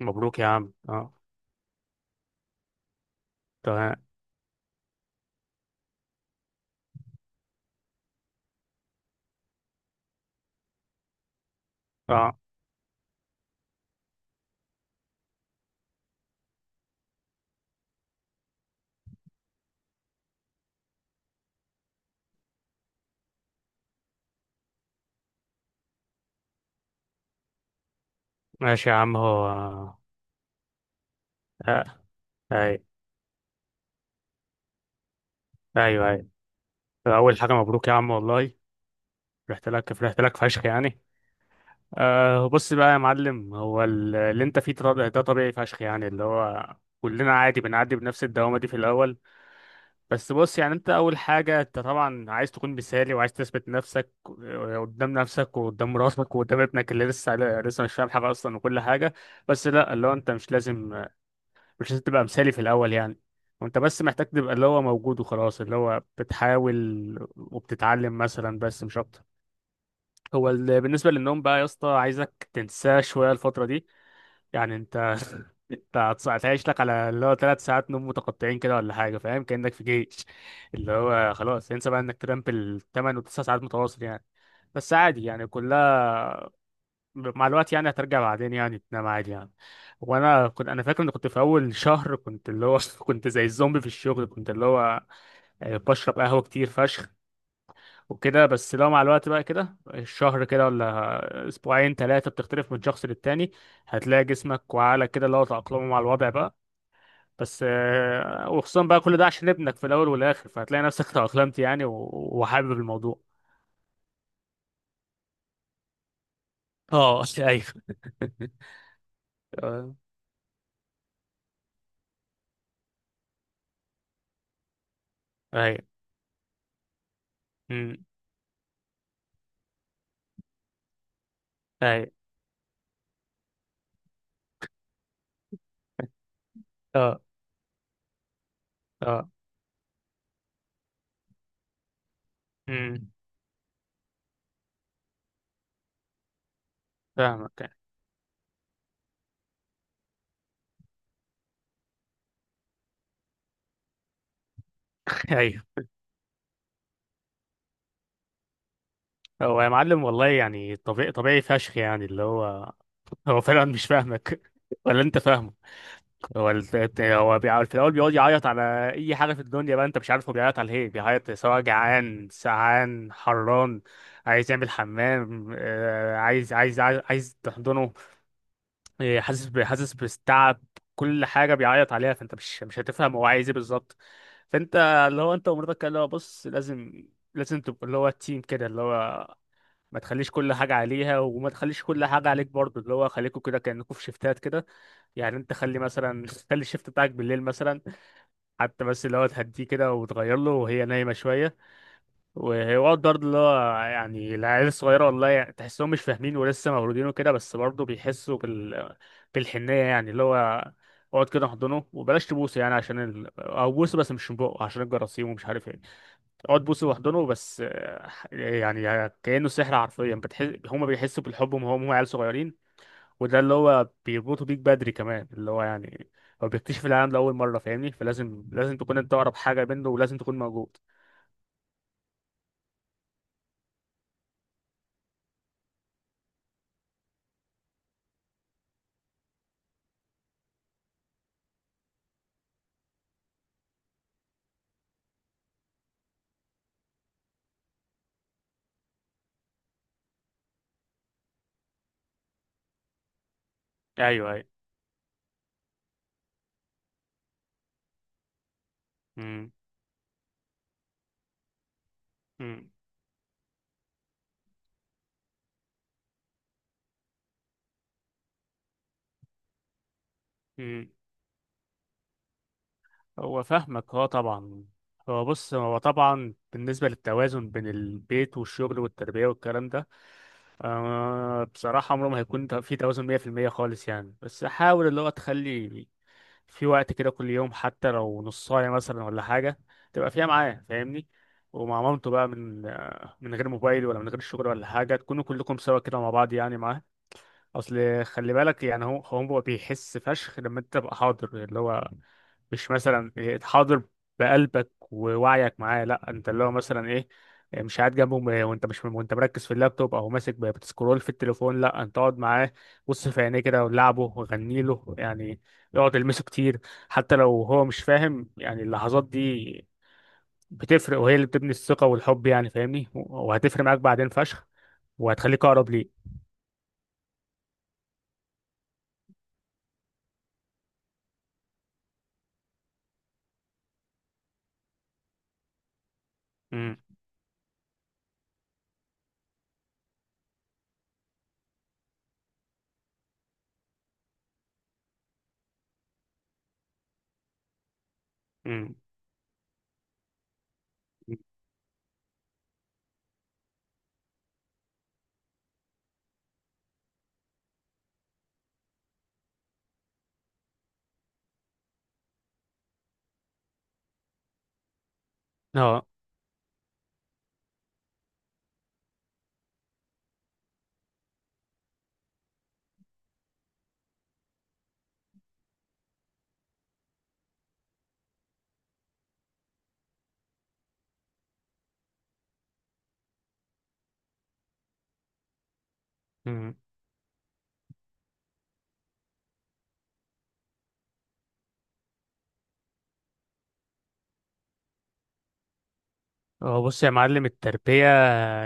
مبروك يا عم اه. تمام. اه. ماشي يا عم، هو آه، اي، ايوه ايوه. اول حاجه مبروك يا عم والله. رحت لك فشخ يعني. آه بص بقى يا معلم، هو اللي انت فيه ده طبيعي فشخ يعني، اللي هو كلنا عادي بنعدي بنفس الدوامه دي في الاول. بس بص يعني، انت اول حاجه انت طبعا عايز تكون مثالي وعايز تثبت نفسك، قدام نفسك وقدام مراتك وقدام ابنك اللي لسه مش فاهم حاجه اصلا وكل حاجه. بس لا، اللي هو انت مش لازم، مش لازم تبقى مثالي في الأول يعني. وانت بس محتاج تبقى اللي هو موجود وخلاص، اللي هو بتحاول وبتتعلم مثلا، بس مش أكتر. هو بالنسبة للنوم بقى يا اسطى، عايزك تنساه شوية الفترة دي. يعني انت انت هتعيش لك على اللي هو ثلاث ساعات نوم متقطعين كده ولا حاجة، فاهم؟ كأنك في جيش. اللي هو خلاص، انسى بقى انك تنام بالثمان وتسع ساعات متواصل يعني. بس عادي يعني، كلها مع الوقت يعني هترجع بعدين يعني تنام عادي يعني. وانا كنت فاكر ان كنت في اول شهر، كنت اللي هو كنت زي الزومبي في الشغل، كنت اللي هو بشرب قهوة كتير فشخ وكده. بس لو مع الوقت بقى كده، الشهر كده ولا اسبوعين ثلاثة، بتختلف من شخص للتاني. هتلاقي جسمك وعقلك كده اللي هو تأقلموا مع الوضع بقى. بس وخصوصا بقى كل ده عشان ابنك في الاول والاخر، فهتلاقي نفسك تأقلمت يعني وحابب الموضوع. اه ايوه. آه، ايوه. أمم، ايوه. اه. اه. امم. فاهمك. ايوه. هو يا معلم والله يعني طبيعي، طبيعي فشخ يعني اللي هو، هو فعلا مش فاهمك ولا انت فاهمه. هو بيقعد في الاول، بيقعد يعيط على اي حاجه في الدنيا بقى. انت مش عارف هو بيعيط على ايه، بيعيط سواء جعان، سعان، حران، عايز يعمل حمام، عايز تحضنه، حاسس حاسس بالتعب. كل حاجه بيعيط عليها، فانت مش هتفهم هو عايز ايه بالظبط. فانت، اللي هو انت ومراتك كده، اللي هو بص لازم، لازم تبقى اللي هو تيم كده اللي هو. ما تخليش كل حاجه عليها وما تخليش كل حاجه عليك برضه، اللي هو خليكوا كده كانكوا في شيفتات كده. يعني انت خلي مثلا خلي الشيفت بتاعك بالليل مثلا، حتى بس اللي هو تهديه كده وتغير له وهي نايمه شويه. ويقعد برضه اللي هو يعني، العيال الصغيرة والله يعني تحسهم مش فاهمين ولسه مولودين وكده، بس برضه بيحسوا بال... بالحنية يعني اللي هو. اقعد كده احضنه وبلاش تبوسه يعني عشان ال... او بوسه بس مش من بقه عشان الجراثيم ومش عارف ايه. اقعد بوسه واحضنه بس يعني كأنه سحر حرفيا، بتحس هما بيحسوا بالحب وهم عيال صغيرين. وده اللي هو بيربطوا بيك بدري كمان اللي هو يعني. هو بيكتشف العالم لأول مرة، فاهمني؟ فلازم، لازم تكون انت أقرب حاجة منه ولازم تكون موجود. ايوه ايوه. امم. امم. مم. هو فاهمك، اه طبعا. هو بص، هو طبعا بالنسبة للتوازن بين البيت والشغل والتربية والكلام ده، آه بصراحة عمره ما هيكون في توازن 100% خالص يعني. بس حاول اللي هو تخلي في وقت كده كل يوم، حتى لو نص ساعة مثلا ولا حاجة، تبقى فيها معاه، فاهمني؟ ومع مامته بقى من من غير موبايل ولا من غير شغل ولا حاجة، تكونوا كلكم سوا كده مع بعض يعني معاه. أصل خلي بالك يعني، هو بيحس فشخ لما أنت تبقى حاضر اللي هو. مش مثلا حاضر بقلبك ووعيك معاه، لا انت اللي هو مثلا ايه. مش قاعد جنبه وانت مش وانت مركز في اللابتوب او ماسك بتسكرول في التليفون. لا، انت اقعد معاه، بص في عينيه كده ولعبه وغني له يعني. اقعد المسه كتير، حتى لو هو مش فاهم يعني، اللحظات دي بتفرق، وهي اللي بتبني الثقة والحب يعني، فاهمني؟ وهتفرق معاك بعدين فشخ، وهتخليك اقرب ليه. امم. امم. اه. اه بص يا معلم، التربية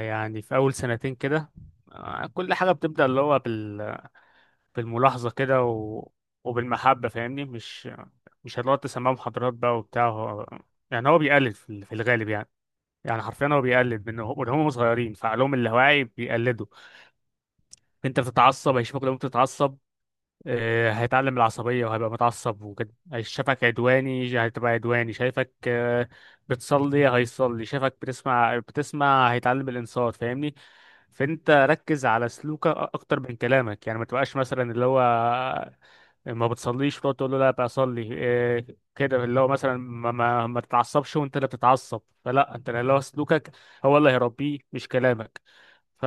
يعني في أول سنتين كده كل حاجة بتبدأ اللي هو بال... بالملاحظة كده وبالمحبة، فاهمني؟ مش هتقعد تسمعه محاضرات بقى وبتاع. هو... يعني هو بيقلد في في الغالب يعني. يعني حرفيا هو بيقلد من من هم صغيرين، فعقلهم اللاواعي بيقلدوا. انت بتتعصب هيشوفك، لو انت بتتعصب هيتعلم العصبية وهيبقى متعصب وكده. هيشوفك عدواني هتبقى عدواني. شايفك بتصلي هيصلي، شايفك بتسمع بتسمع هيتعلم الإنصات، فاهمني؟ فانت ركز على سلوكك اكتر من كلامك يعني. ما تبقاش مثلا اللي هو ما بتصليش وتقعد تقول له لا بصلي إيه. كده اللي هو مثلا ما تتعصبش وانت اللي بتتعصب، فلا انت اللي هو سلوكك هو اللي هيربيه مش كلامك. ف...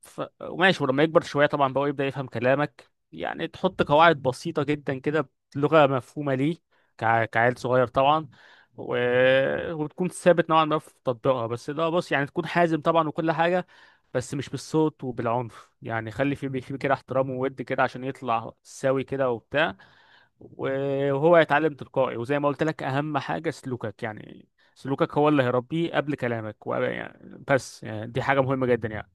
ماشي، ولما يكبر شويه طبعا بقى يبدا يفهم كلامك يعني، تحط قواعد بسيطه جدا كده بلغه مفهومه ليه، كعيل صغير طبعا. و... وتكون ثابت نوعا ما في تطبيقها. بس ده بص يعني، تكون حازم طبعا وكل حاجه، بس مش بالصوت وبالعنف يعني. خلي في في كده احترام وود كده عشان يطلع سوي كده وبتاع، وهو يتعلم تلقائي. وزي ما قلت لك، اهم حاجة سلوكك يعني. سلوكك هو اللي هيربيه قبل كلامك يعني. بس يعني دي حاجة مهمة جدا يعني.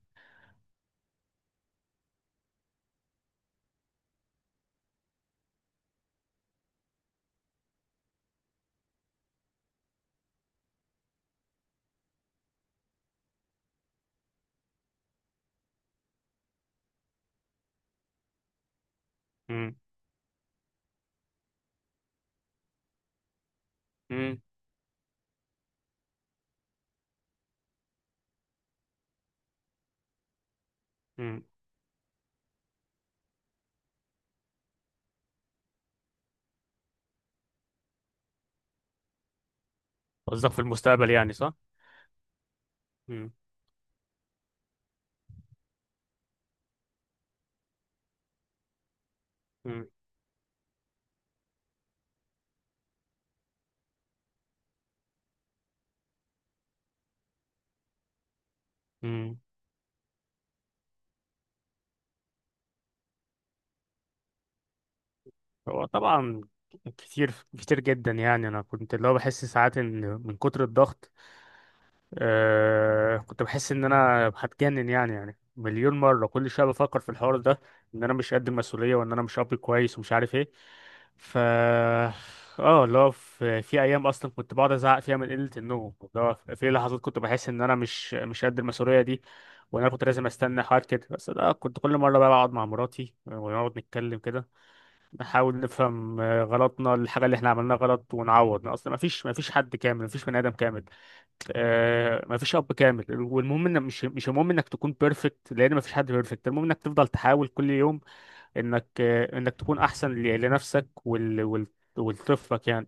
مم. مم. مم. قصدك في المستقبل يعني، صح؟ مم. مم. مم. هو طبعا، كتير، كتير جدا يعني. انا كنت اللي هو بحس ساعات ان من كتر الضغط، أه كنت بحس ان انا هتجنن يعني. يعني مليون مره كل شويه بفكر في الحوار ده، ان انا مش قد المسؤوليه وان انا مش اب كويس ومش عارف ايه. ف اه اللي هو في ايام اصلا كنت بقعد ازعق فيها من قله النوم، اللي هو في لحظات كنت بحس ان انا مش قد المسؤوليه دي، وان انا كنت لازم استنى حوار كده. بس ده كنت كل مره بقى بقعد مع مراتي ونقعد نتكلم كده، نحاول نفهم غلطنا، الحاجه اللي احنا عملناها غلط، ونعوض. اصلا ما فيش حد كامل، ما فيش بني ادم كامل، آه مفيش اب كامل. والمهم ان مش المهم انك تكون بيرفكت، لان مفيش حد بيرفكت. المهم انك تفضل تحاول كل يوم انك آه انك تكون احسن لنفسك وال وال ولطفلك يعني.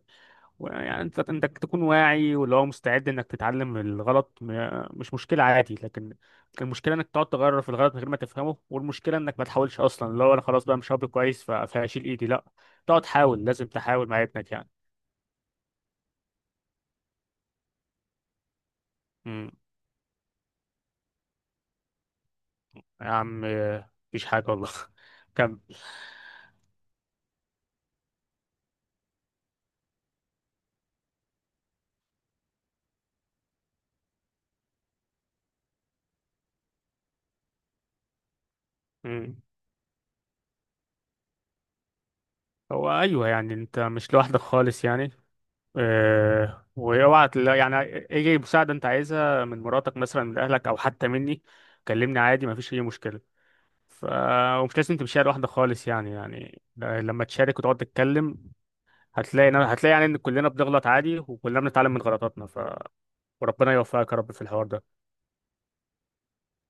يعني انت انك تكون واعي واللي هو مستعد انك تتعلم من الغلط، مش مشكله عادي. لكن المشكله انك تقعد تغير في الغلط من غير ما تفهمه، والمشكله انك ما تحاولش اصلا، اللي هو انا خلاص بقى مش اب كويس فهشيل ايدي، لا. تقعد تحاول، لازم تحاول مع ابنك يعني. امم. يا عم مفيش حاجه والله. كمل. مم. هو ايوه يعني انت مش لوحدك خالص يعني. أه، يعني اي مساعده انت عايزها من مراتك مثلا، من اهلك او حتى مني، كلمني عادي، مفيش اي مشكله. ف ومش لازم تمشيها لوحدك خالص يعني. يعني لما تشارك وتقعد تتكلم هتلاقي، هتلاقي يعني ان كلنا بنغلط عادي، وكلنا بنتعلم من غلطاتنا. وربنا يوفقك يا رب في الحوار ده.